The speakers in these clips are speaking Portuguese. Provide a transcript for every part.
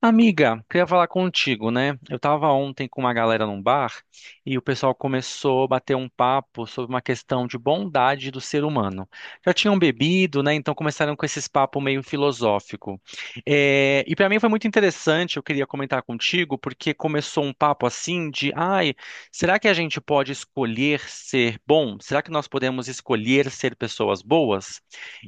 Amiga, queria falar contigo, né? Eu tava ontem com uma galera num bar e o pessoal começou a bater um papo sobre uma questão de bondade do ser humano. Já tinham bebido, né? Então começaram com esses papo meio filosófico. E para mim foi muito interessante, eu queria comentar contigo, porque começou um papo assim de, ai, será que a gente pode escolher ser bom? Será que nós podemos escolher ser pessoas boas?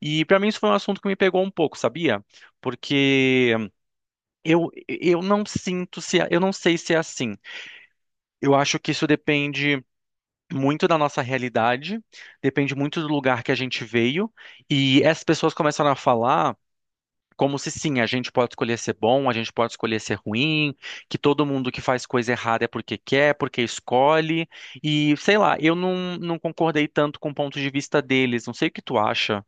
E para mim isso foi um assunto que me pegou um pouco, sabia? Porque eu não sinto se, eu não sei se é assim. Eu acho que isso depende muito da nossa realidade, depende muito do lugar que a gente veio, e essas pessoas começaram a falar como se sim, a gente pode escolher ser bom, a gente pode escolher ser ruim, que todo mundo que faz coisa errada é porque quer, porque escolhe, e sei lá, eu não concordei tanto com o ponto de vista deles, não sei o que tu acha.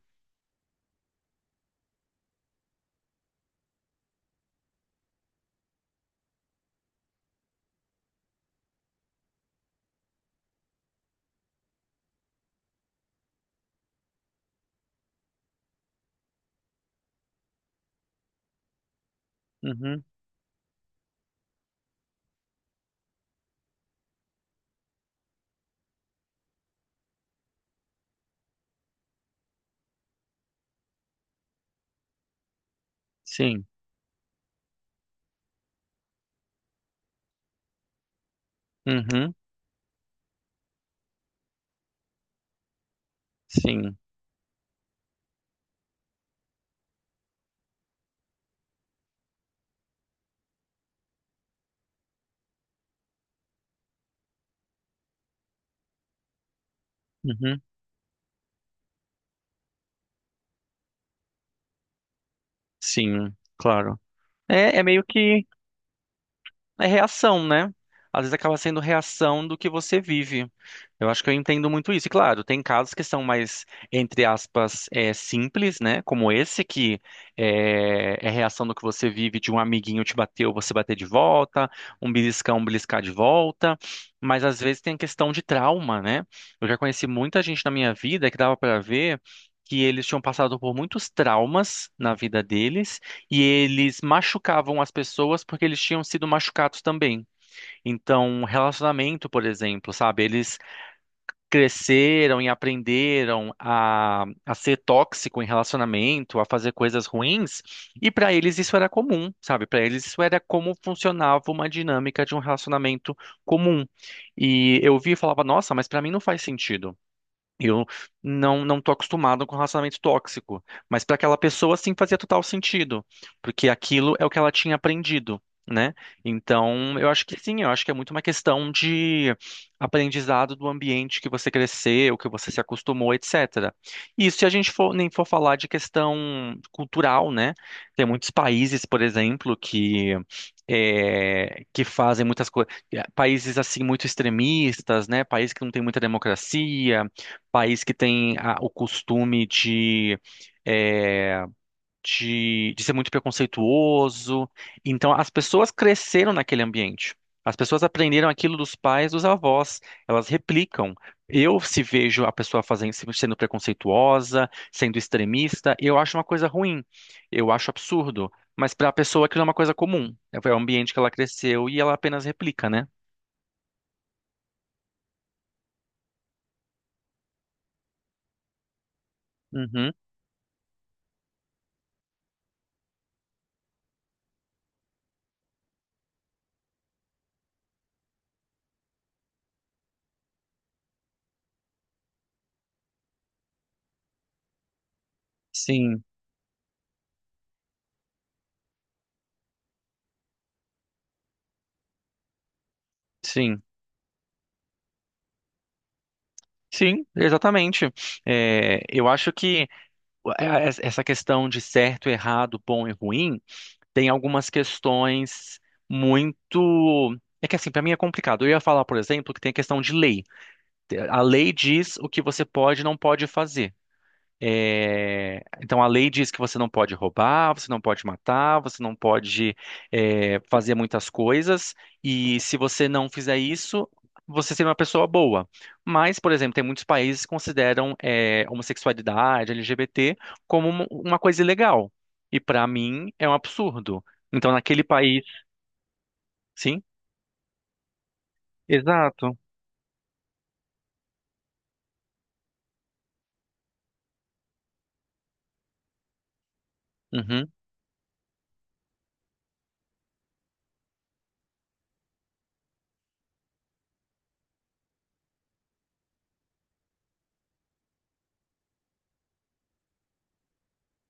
Uhum, sim, uhum, sim, uhum, sim, claro. É, é meio que é reação, né? Às vezes acaba sendo reação do que você vive. Eu acho que eu entendo muito isso. E claro, tem casos que são mais, entre aspas, simples, né? Como esse, que é reação do que você vive, de um amiguinho te bateu, você bater de volta, um beliscão, beliscar de volta. Mas às vezes tem a questão de trauma, né? Eu já conheci muita gente na minha vida que dava pra ver que eles tinham passado por muitos traumas na vida deles e eles machucavam as pessoas porque eles tinham sido machucados também. Então, relacionamento, por exemplo, sabe? Eles cresceram e aprenderam a ser tóxico em relacionamento, a fazer coisas ruins, e para eles isso era comum, sabe? Para eles isso era como funcionava uma dinâmica de um relacionamento comum. E eu vi e falava, nossa, mas para mim não faz sentido. Eu não tô acostumado com relacionamento tóxico, mas para aquela pessoa sim fazia total sentido, porque aquilo é o que ela tinha aprendido, né? Então, eu acho que sim, eu acho que é muito uma questão de aprendizado do ambiente que você cresceu, que você se acostumou, etc. E isso se a gente for, nem for falar de questão cultural, né? Tem muitos países, por exemplo, que que fazem muitas coisas, países assim muito extremistas, né? Países que não têm muita democracia, país que tem o costume de, é, de, ser muito preconceituoso. Então, as pessoas cresceram naquele ambiente. As pessoas aprenderam aquilo dos pais, dos avós. Elas replicam. Eu, se vejo a pessoa fazendo, sendo preconceituosa, sendo extremista, eu acho uma coisa ruim. Eu acho absurdo. Mas para a pessoa aquilo é uma coisa comum. É o ambiente que ela cresceu e ela apenas replica, né? Uhum. Sim, sim. Sim, exatamente. É, eu acho que essa questão de certo, errado, bom e ruim tem algumas questões muito. É que assim, para mim é complicado. Eu ia falar, por exemplo, que tem a questão de lei. A lei diz o que você pode e não pode fazer. Então a lei diz que você não pode roubar, você não pode matar, você não pode fazer muitas coisas, e se você não fizer isso, você seria uma pessoa boa. Mas, por exemplo, tem muitos países que consideram homossexualidade, LGBT, como uma coisa ilegal. E para mim é um absurdo. Então, naquele país, sim, exato. Uhum,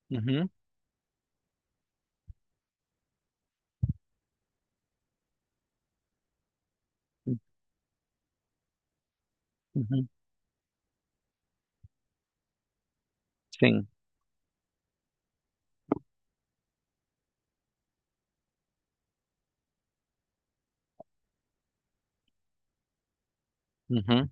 uhum, uhum, sim. Uhum.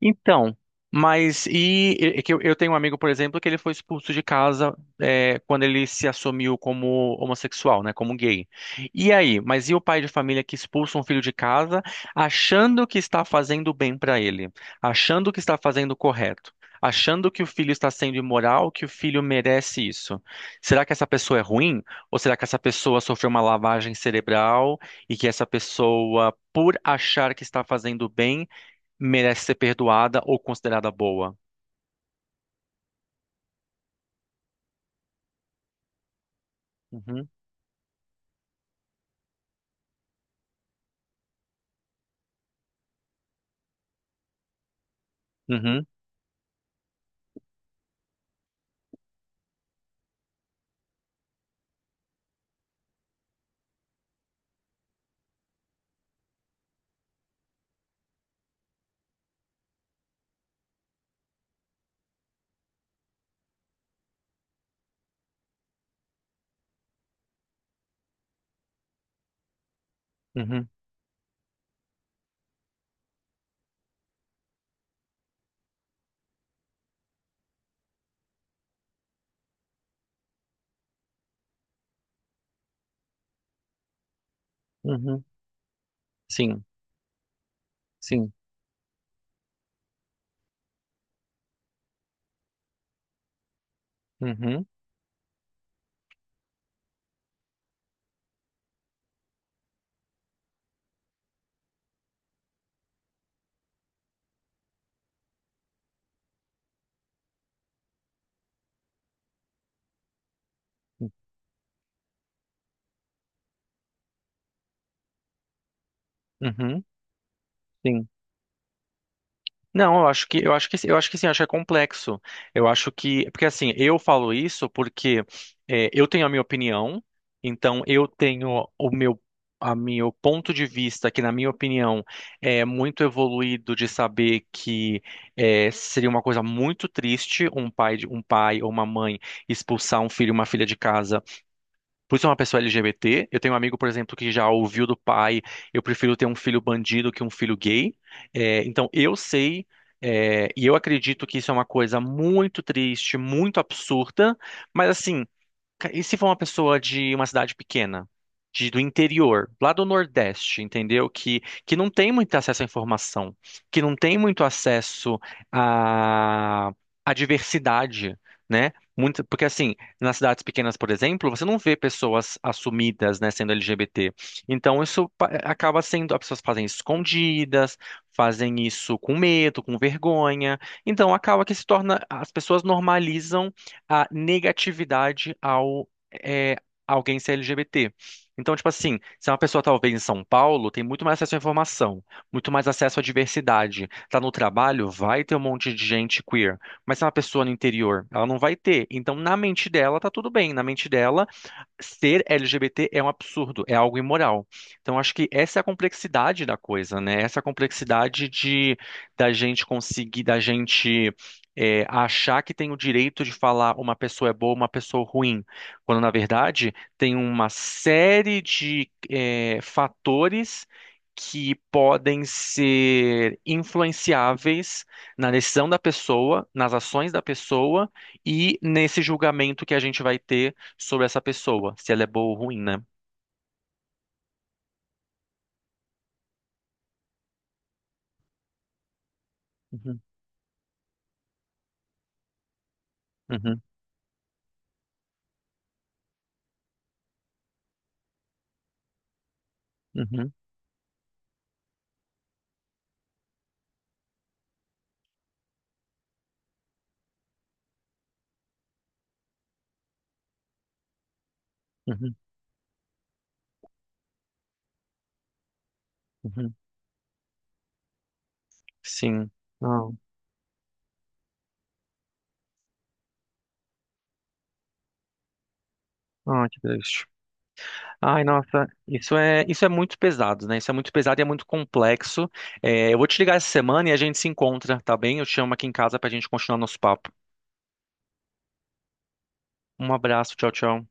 Então, mas e é que eu tenho um amigo, por exemplo, que ele foi expulso de casa quando ele se assumiu como homossexual, né, como gay. E aí, mas e o pai de família que expulsa um filho de casa achando que está fazendo bem para ele, achando que está fazendo o correto, achando que o filho está sendo imoral, que o filho merece isso? Será que essa pessoa é ruim? Ou será que essa pessoa sofreu uma lavagem cerebral e que essa pessoa, por achar que está fazendo bem, merece ser perdoada ou considerada boa. Uhum, uhum, uhum, uhum. Sim, sim. Uhum, uhum, sim. Não, eu acho que sim, eu acho que é complexo. Eu acho que porque assim, eu falo isso porque eu tenho a minha opinião, então eu tenho o meu a meu ponto de vista que na minha opinião é muito evoluído de saber que seria uma coisa muito triste um um pai ou uma mãe expulsar um filho e uma filha de casa por ser uma pessoa LGBT. Eu tenho um amigo, por exemplo, que já ouviu do pai, eu prefiro ter um filho bandido que um filho gay. É, então eu sei, e eu acredito que isso é uma coisa muito triste, muito absurda, mas assim, e se for uma pessoa de uma cidade pequena, de, do interior, lá do Nordeste, entendeu? Que não tem muito acesso à informação, que não tem muito acesso à, à diversidade, né? Muito, porque, assim, nas cidades pequenas, por exemplo, você não vê pessoas assumidas, né, sendo LGBT. Então, acaba sendo, as pessoas fazem isso escondidas, fazem isso com medo, com vergonha. Então, acaba que se torna, as pessoas normalizam a negatividade ao é, alguém ser LGBT. Então, tipo assim, se é uma pessoa talvez em São Paulo, tem muito mais acesso à informação, muito mais acesso à diversidade. Tá no trabalho, vai ter um monte de gente queer. Mas se é uma pessoa no interior, ela não vai ter. Então, na mente dela, tá tudo bem. Na mente dela, ser LGBT é um absurdo, é algo imoral. Então, acho que essa é a complexidade da coisa, né? Essa é a complexidade de da gente conseguir, da gente achar que tem o direito de falar uma pessoa é boa, uma pessoa ruim, quando na verdade tem uma série de fatores que podem ser influenciáveis na decisão da pessoa, nas ações da pessoa e nesse julgamento que a gente vai ter sobre essa pessoa, se ela é boa ou ruim, né? Uhum, uhum, uhum, uhum, uhum. Sim. Ah, ah, que triste. Ai, nossa, isso é muito pesado, né? Isso é muito pesado e é muito complexo. É, eu vou te ligar essa semana e a gente se encontra, tá bem? Eu te chamo aqui em casa pra gente continuar nosso papo. Um abraço, tchau, tchau.